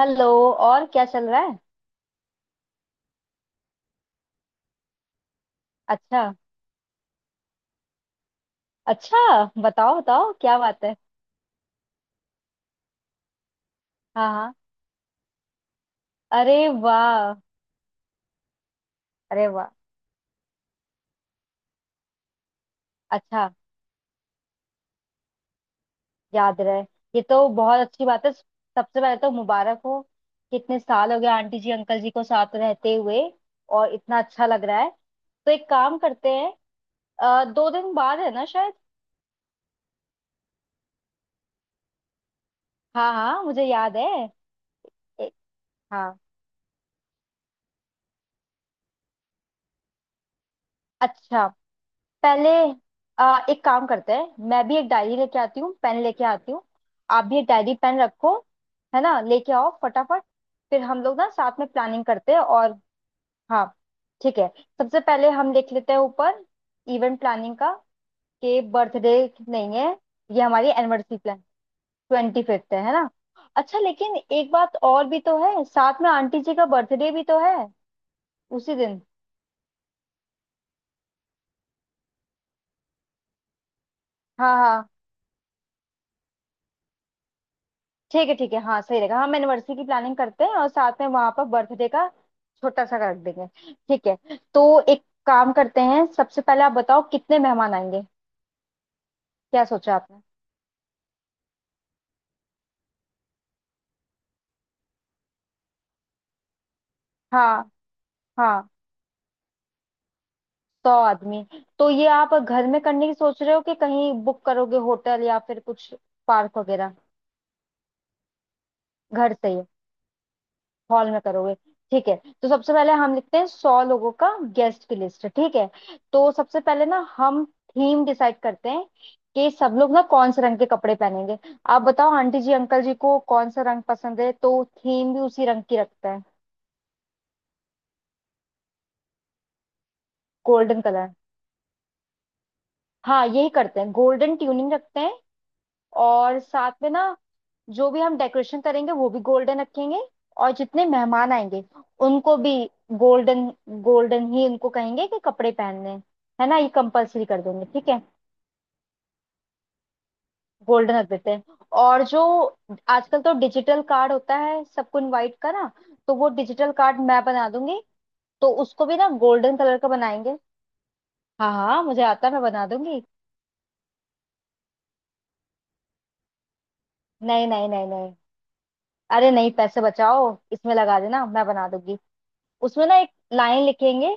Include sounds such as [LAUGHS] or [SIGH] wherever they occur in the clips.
Hello. और क्या चल रहा है? अच्छा। अच्छा, बताओ बताओ क्या बात है। हाँ हाँ। अरे वाह। अरे वाह। अच्छा, याद रहे। ये तो बहुत अच्छी बात है, सबसे पहले तो मुबारक हो। कितने साल हो गए आंटी जी अंकल जी को साथ रहते हुए, और इतना अच्छा लग रहा है। तो एक काम करते हैं, 2 दिन बाद है ना शायद? हाँ हाँ, मुझे याद है। ए, हाँ। अच्छा, पहले एक काम करते हैं, मैं भी एक डायरी लेके आती हूँ, पेन लेके आती हूँ। आप भी एक डायरी पेन रखो, है ना, लेके आओ फटाफट। फिर हम लोग ना साथ में प्लानिंग करते हैं, और हाँ ठीक है। सबसे पहले हम लिख लेते हैं ऊपर इवेंट प्लानिंग का, कि बर्थडे नहीं है, ये हमारी एनिवर्सरी प्लान। 25th है ना? अच्छा, लेकिन एक बात और भी तो है, साथ में आंटी जी का बर्थडे भी तो है उसी दिन। हाँ हाँ, ठीक है ठीक है, हाँ सही रहेगा, हम एनिवर्सरी की प्लानिंग करते हैं और साथ में वहां पर बर्थडे का छोटा सा रख देंगे, ठीक है। तो एक काम करते हैं, सबसे पहले आप बताओ कितने मेहमान आएंगे, क्या सोचा आपने? हाँ हाँ। 100 आदमी? तो ये आप घर में करने की सोच रहे हो कि कहीं बुक करोगे, होटल या फिर कुछ पार्क वगैरह? घर से ही हॉल में करोगे? ठीक है। तो सबसे पहले हम लिखते हैं 100 लोगों का गेस्ट की लिस्ट, ठीक है। तो सबसे पहले ना हम थीम डिसाइड करते हैं, कि सब लोग ना कौन से रंग के कपड़े पहनेंगे। आप बताओ आंटी जी अंकल जी को कौन सा रंग पसंद है, तो थीम भी उसी रंग की रखते हैं। Golden colour? हाँ, यही करते हैं, गोल्डन ट्यूनिंग रखते हैं। और साथ में ना जो भी हम डेकोरेशन करेंगे वो भी गोल्डन रखेंगे। और जितने मेहमान आएंगे उनको भी गोल्डन, गोल्डन ही उनको कहेंगे कि कपड़े पहनने हैं। है ना, ये कंपलसरी कर देंगे, ठीक है। गोल्डन रख देते हैं। और जो आजकल तो डिजिटल कार्ड होता है सबको इनवाइट का ना, तो वो डिजिटल कार्ड मैं बना दूंगी, तो उसको भी ना गोल्डन कलर का बनाएंगे। हाँ हाँ, मुझे आता है, मैं बना दूंगी। नहीं नहीं नहीं नहीं, अरे नहीं, पैसे बचाओ, इसमें लगा देना, मैं बना दूंगी। उसमें ना एक लाइन लिखेंगे,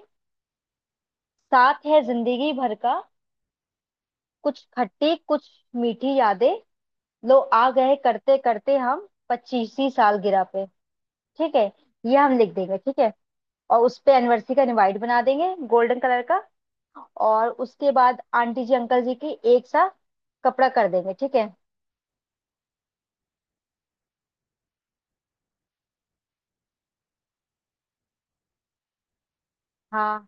साथ है जिंदगी भर का, कुछ खट्टी कुछ मीठी यादें, लो आ गए करते करते हम पच्चीसी साल गिरा पे। ठीक है, ये हम लिख देंगे, ठीक है। और उस पे एनिवर्सरी का इनवाइट बना देंगे गोल्डन कलर का। और उसके बाद आंटी जी अंकल जी की एक सा कपड़ा कर देंगे, ठीक है। हाँ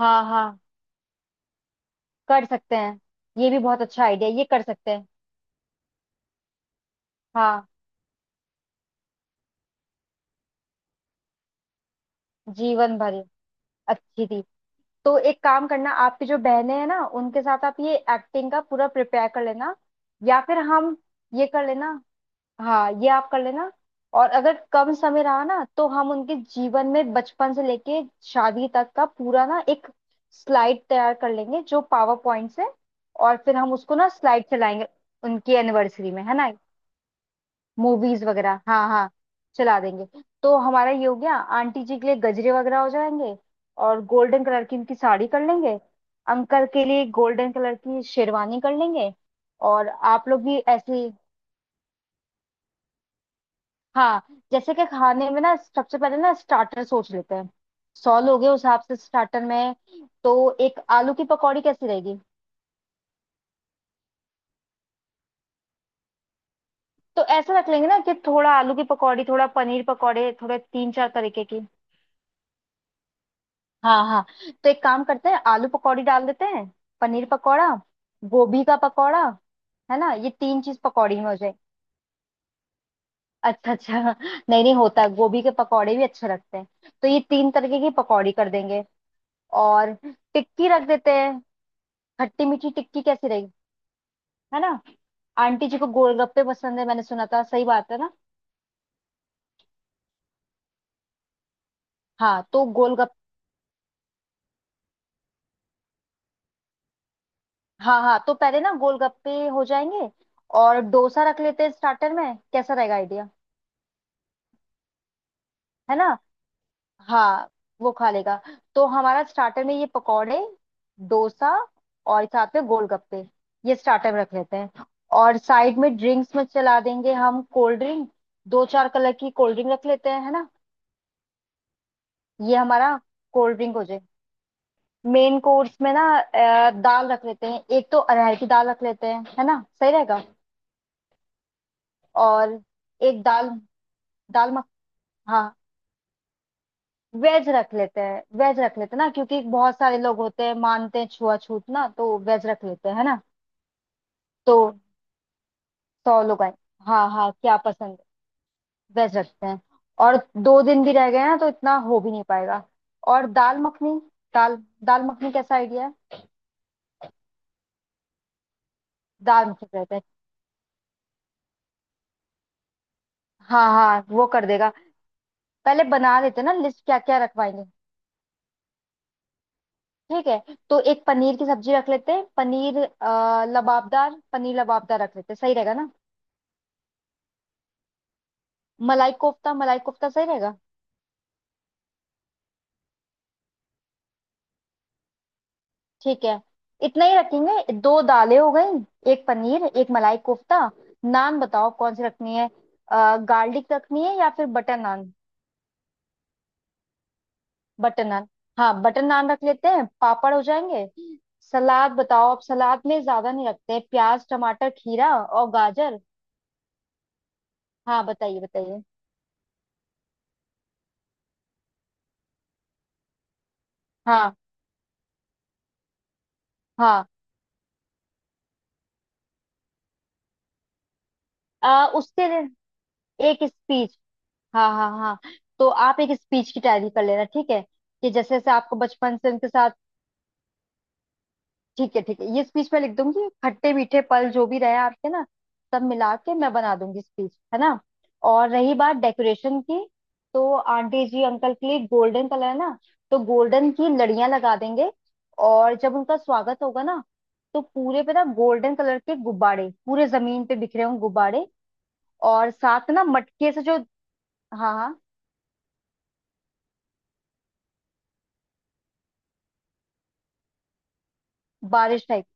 हाँ हाँ, कर सकते हैं। ये भी बहुत अच्छा आइडिया, ये कर सकते हैं। हाँ जीवन भर अच्छी थी। तो एक काम करना, आपकी जो बहनें हैं ना, उनके साथ आप ये एक्टिंग का पूरा प्रिपेयर कर लेना। या फिर हम, ये कर लेना, हाँ ये आप कर लेना। और अगर कम समय रहा ना, तो हम उनके जीवन में बचपन से लेके शादी तक का पूरा ना एक स्लाइड तैयार कर लेंगे, जो पावर पॉइंट से, और फिर हम उसको ना स्लाइड चलाएंगे उनकी एनिवर्सरी में, है ना। मूवीज वगैरह, हाँ हाँ चला देंगे। तो हमारा ये हो गया, आंटी जी के लिए गजरे वगैरह हो जाएंगे, और गोल्डन कलर की उनकी साड़ी कर लेंगे, अंकल के लिए गोल्डन कलर की शेरवानी कर लेंगे। और आप लोग भी ऐसे। हाँ, जैसे कि खाने में ना सबसे पहले ना स्टार्टर सोच लेते हैं, 100 लोग हैं उस हिसाब से स्टार्टर में, तो एक आलू की पकौड़ी कैसी रहेगी? तो ऐसा रख लेंगे ना कि थोड़ा आलू की पकौड़ी, थोड़ा पनीर पकौड़े, थोड़े तीन चार तरीके की। हाँ हाँ, तो एक काम करते हैं, आलू पकौड़ी डाल देते हैं, पनीर पकौड़ा, गोभी का पकौड़ा, है ना, ये तीन चीज पकौड़ी में हो जाए। अच्छा अच्छा [LAUGHS] नहीं, नहीं होता है, गोभी के पकौड़े भी अच्छे लगते हैं। तो ये तीन तरीके की पकौड़ी कर देंगे। और टिक्की रख देते हैं, खट्टी मीठी टिक्की कैसी रही, है ना। आंटी जी को गोलगप्पे पसंद है, मैंने सुना था, सही बात है ना? हाँ, तो गोलगप, हाँ हाँ तो पहले ना गोलगप्पे हो जाएंगे, और डोसा रख लेते हैं स्टार्टर में, कैसा रहेगा आइडिया? है ना। हाँ वो खा लेगा। तो हमारा स्टार्टर में ये पकौड़े, डोसा, और साथ में गोलगप्पे, ये स्टार्टर में रख लेते हैं। और साइड में ड्रिंक्स में चला देंगे हम कोल्ड ड्रिंक, दो चार कलर की कोल्ड ड्रिंक रख लेते हैं, है ना। ये हमारा कोल्ड ड्रिंक हो जाए। मेन कोर्स में ना दाल रख लेते हैं, एक तो अरहर की दाल रख लेते हैं, है ना, सही रहेगा। और एक दाल, दाल मख, हाँ वेज रख लेते हैं, वेज रख लेते हैं ना, क्योंकि बहुत सारे लोग होते हैं मानते हैं छुआछूत ना, तो वेज रख लेते हैं, है ना। तो 100 लोग आए, हाँ हाँ क्या पसंद है, वेज रखते हैं। और 2 दिन भी रह गए ना, तो इतना हो भी नहीं पाएगा। और दाल मखनी, दाल, दाल मखनी कैसा आइडिया है? दाल मखनी रहता है, हाँ हाँ वो कर देगा। पहले बना लेते हैं ना लिस्ट क्या क्या रखवाएंगे। ठीक है, तो एक पनीर की सब्जी रख लेते हैं, पनीर लबाबदार, पनीर लबाबदार रख लेते हैं, सही रहेगा ना। मलाई कोफ्ता, मलाई कोफ्ता सही रहेगा। ठीक है, इतना ही रखेंगे, दो दालें हो गई, एक पनीर, एक मलाई कोफ्ता। नान बताओ कौन सी रखनी है, गार्लिक रखनी है या फिर बटर नान? बटर नान, हाँ बटर नान रख लेते हैं, पापड़ हो जाएंगे। सलाद बताओ, अब सलाद में ज्यादा नहीं रखते हैं, प्याज, टमाटर, खीरा और गाजर। हाँ, बताइए बताइए। हाँ हाँ, उसके लिए एक स्पीच, हाँ हाँ हाँ, तो आप एक स्पीच की तैयारी कर लेना, ठीक है, कि जैसे जैसे आपको बचपन से उनके साथ, ठीक है ठीक है, ये स्पीच मैं लिख दूंगी, खट्टे मीठे पल जो भी रहे आपके ना, सब मिला के मैं बना दूंगी स्पीच, है ना। और रही बात डेकोरेशन की, तो आंटी जी अंकल के लिए गोल्डन कलर है ना, तो गोल्डन की लड़ियां लगा देंगे। और जब उनका स्वागत होगा ना, तो पूरे पे ना गोल्डन कलर के गुब्बारे पूरे जमीन पे बिखरे होंगे गुब्बारे। और साथ ना मटके से जो, हाँ हाँ बारिश टाइप,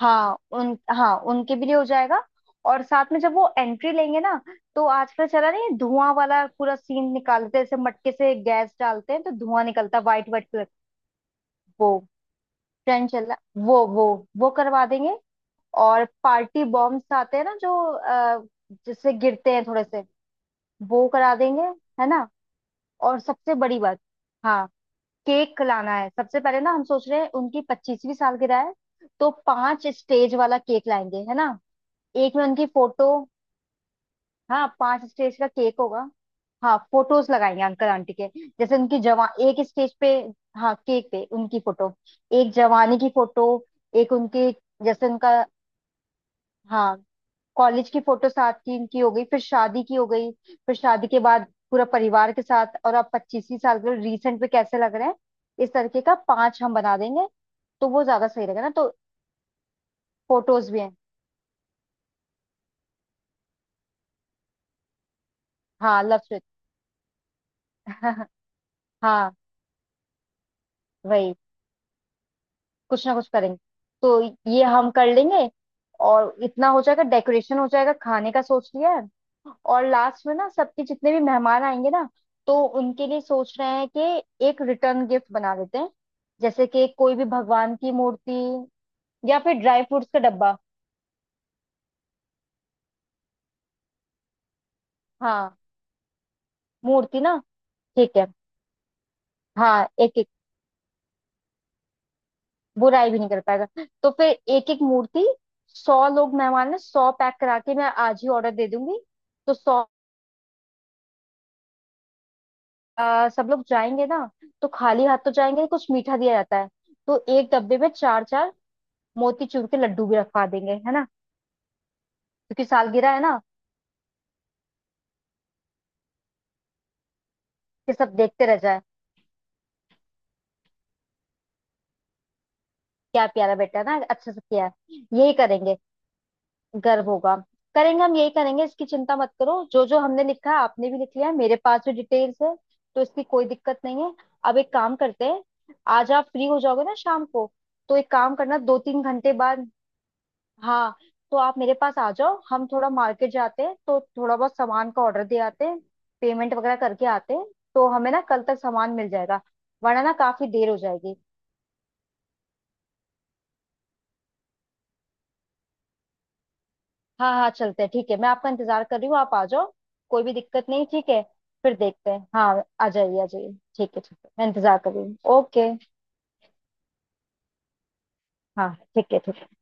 हाँ उनके भी लिए हो जाएगा। और साथ में जब वो एंट्री लेंगे ना, तो आजकल चला नहीं है, धुआं वाला पूरा सीन निकालते हैं, जैसे मटके से गैस डालते हैं तो धुआं निकलता है, वाइट वाइट कलर। वो ट्रेंड चल रहा, वो वो वो करवा देंगे। और पार्टी बॉम्ब्स आते हैं ना जो जिससे गिरते हैं थोड़े से, वो करा देंगे, है ना। और सबसे बड़ी बात, हाँ केक लाना है, सबसे पहले ना हम सोच रहे हैं उनकी 25वीं सालगिरह है, तो पांच स्टेज वाला केक लाएंगे, है ना। एक में उनकी फोटो, हाँ पांच स्टेज का केक होगा। हाँ फोटोज लगाएंगे अंकल आंटी के, जैसे उनकी जवान एक स्टेज पे, हाँ केक पे उनकी फोटो, एक जवानी की फोटो, एक उनके जैसे उनका, हाँ कॉलेज की फोटो साथ की इनकी हो गई, फिर शादी की हो गई, फिर शादी के बाद पूरा परिवार के साथ, और अब 25वीं साल के रिसेंट पे कैसे लग रहे हैं, इस तरीके का पांच हम बना देंगे। तो वो ज्यादा सही रहेगा ना, तो फोटोज भी हैं। हाँ लव स्टोरी [LAUGHS] हाँ वही, कुछ ना कुछ करेंगे। तो ये हम कर लेंगे, और इतना हो जाएगा, डेकोरेशन हो जाएगा, खाने का सोच लिया है। और लास्ट में ना सबके जितने भी मेहमान आएंगे ना, तो उनके लिए सोच रहे हैं कि एक रिटर्न गिफ्ट बना देते हैं, जैसे कि कोई भी भगवान की मूर्ति या फिर ड्राई फ्रूट्स का डब्बा। हाँ मूर्ति ना, ठीक है। हाँ एक एक, बुराई भी नहीं कर पाएगा। तो फिर एक एक मूर्ति, 100 लोग मेहमान है, 100 पैक करा के मैं आज ही ऑर्डर दे दूंगी। तो 100, सब लोग जाएंगे ना, तो खाली हाथ तो जाएंगे, कुछ मीठा दिया जाता है, तो एक डब्बे में चार चार मोतीचूर के लड्डू भी रखवा देंगे, है ना, क्योंकि सालगिरह है ना, कि सब देखते रह जाए, क्या प्यारा बेटा है ना, अच्छे से किया है, यही करेंगे। गर्व होगा, करेंगे, हम यही करेंगे, इसकी चिंता मत करो, जो जो हमने लिखा है आपने भी लिख लिया है, मेरे पास भी डिटेल्स है, तो इसकी कोई दिक्कत नहीं है। अब एक काम करते हैं, आज आप फ्री हो जाओगे ना शाम को, तो एक काम करना, 2-3 घंटे बाद, हाँ, तो आप मेरे पास आ जाओ, हम थोड़ा मार्केट जाते हैं, तो थोड़ा बहुत सामान का ऑर्डर दे आते हैं, पेमेंट वगैरह करके आते हैं, तो हमें ना कल तक सामान मिल जाएगा, वरना ना काफी देर हो जाएगी। हाँ हाँ चलते हैं, ठीक है, मैं आपका इंतजार कर रही हूँ, आप आ जाओ, कोई भी दिक्कत नहीं, ठीक है, फिर देखते हैं, हाँ, आ जाइए आ जाइए, ठीक है ठीक है, मैं इंतजार कर रही हूँ, ओके, हाँ, ठीक है, ठीक।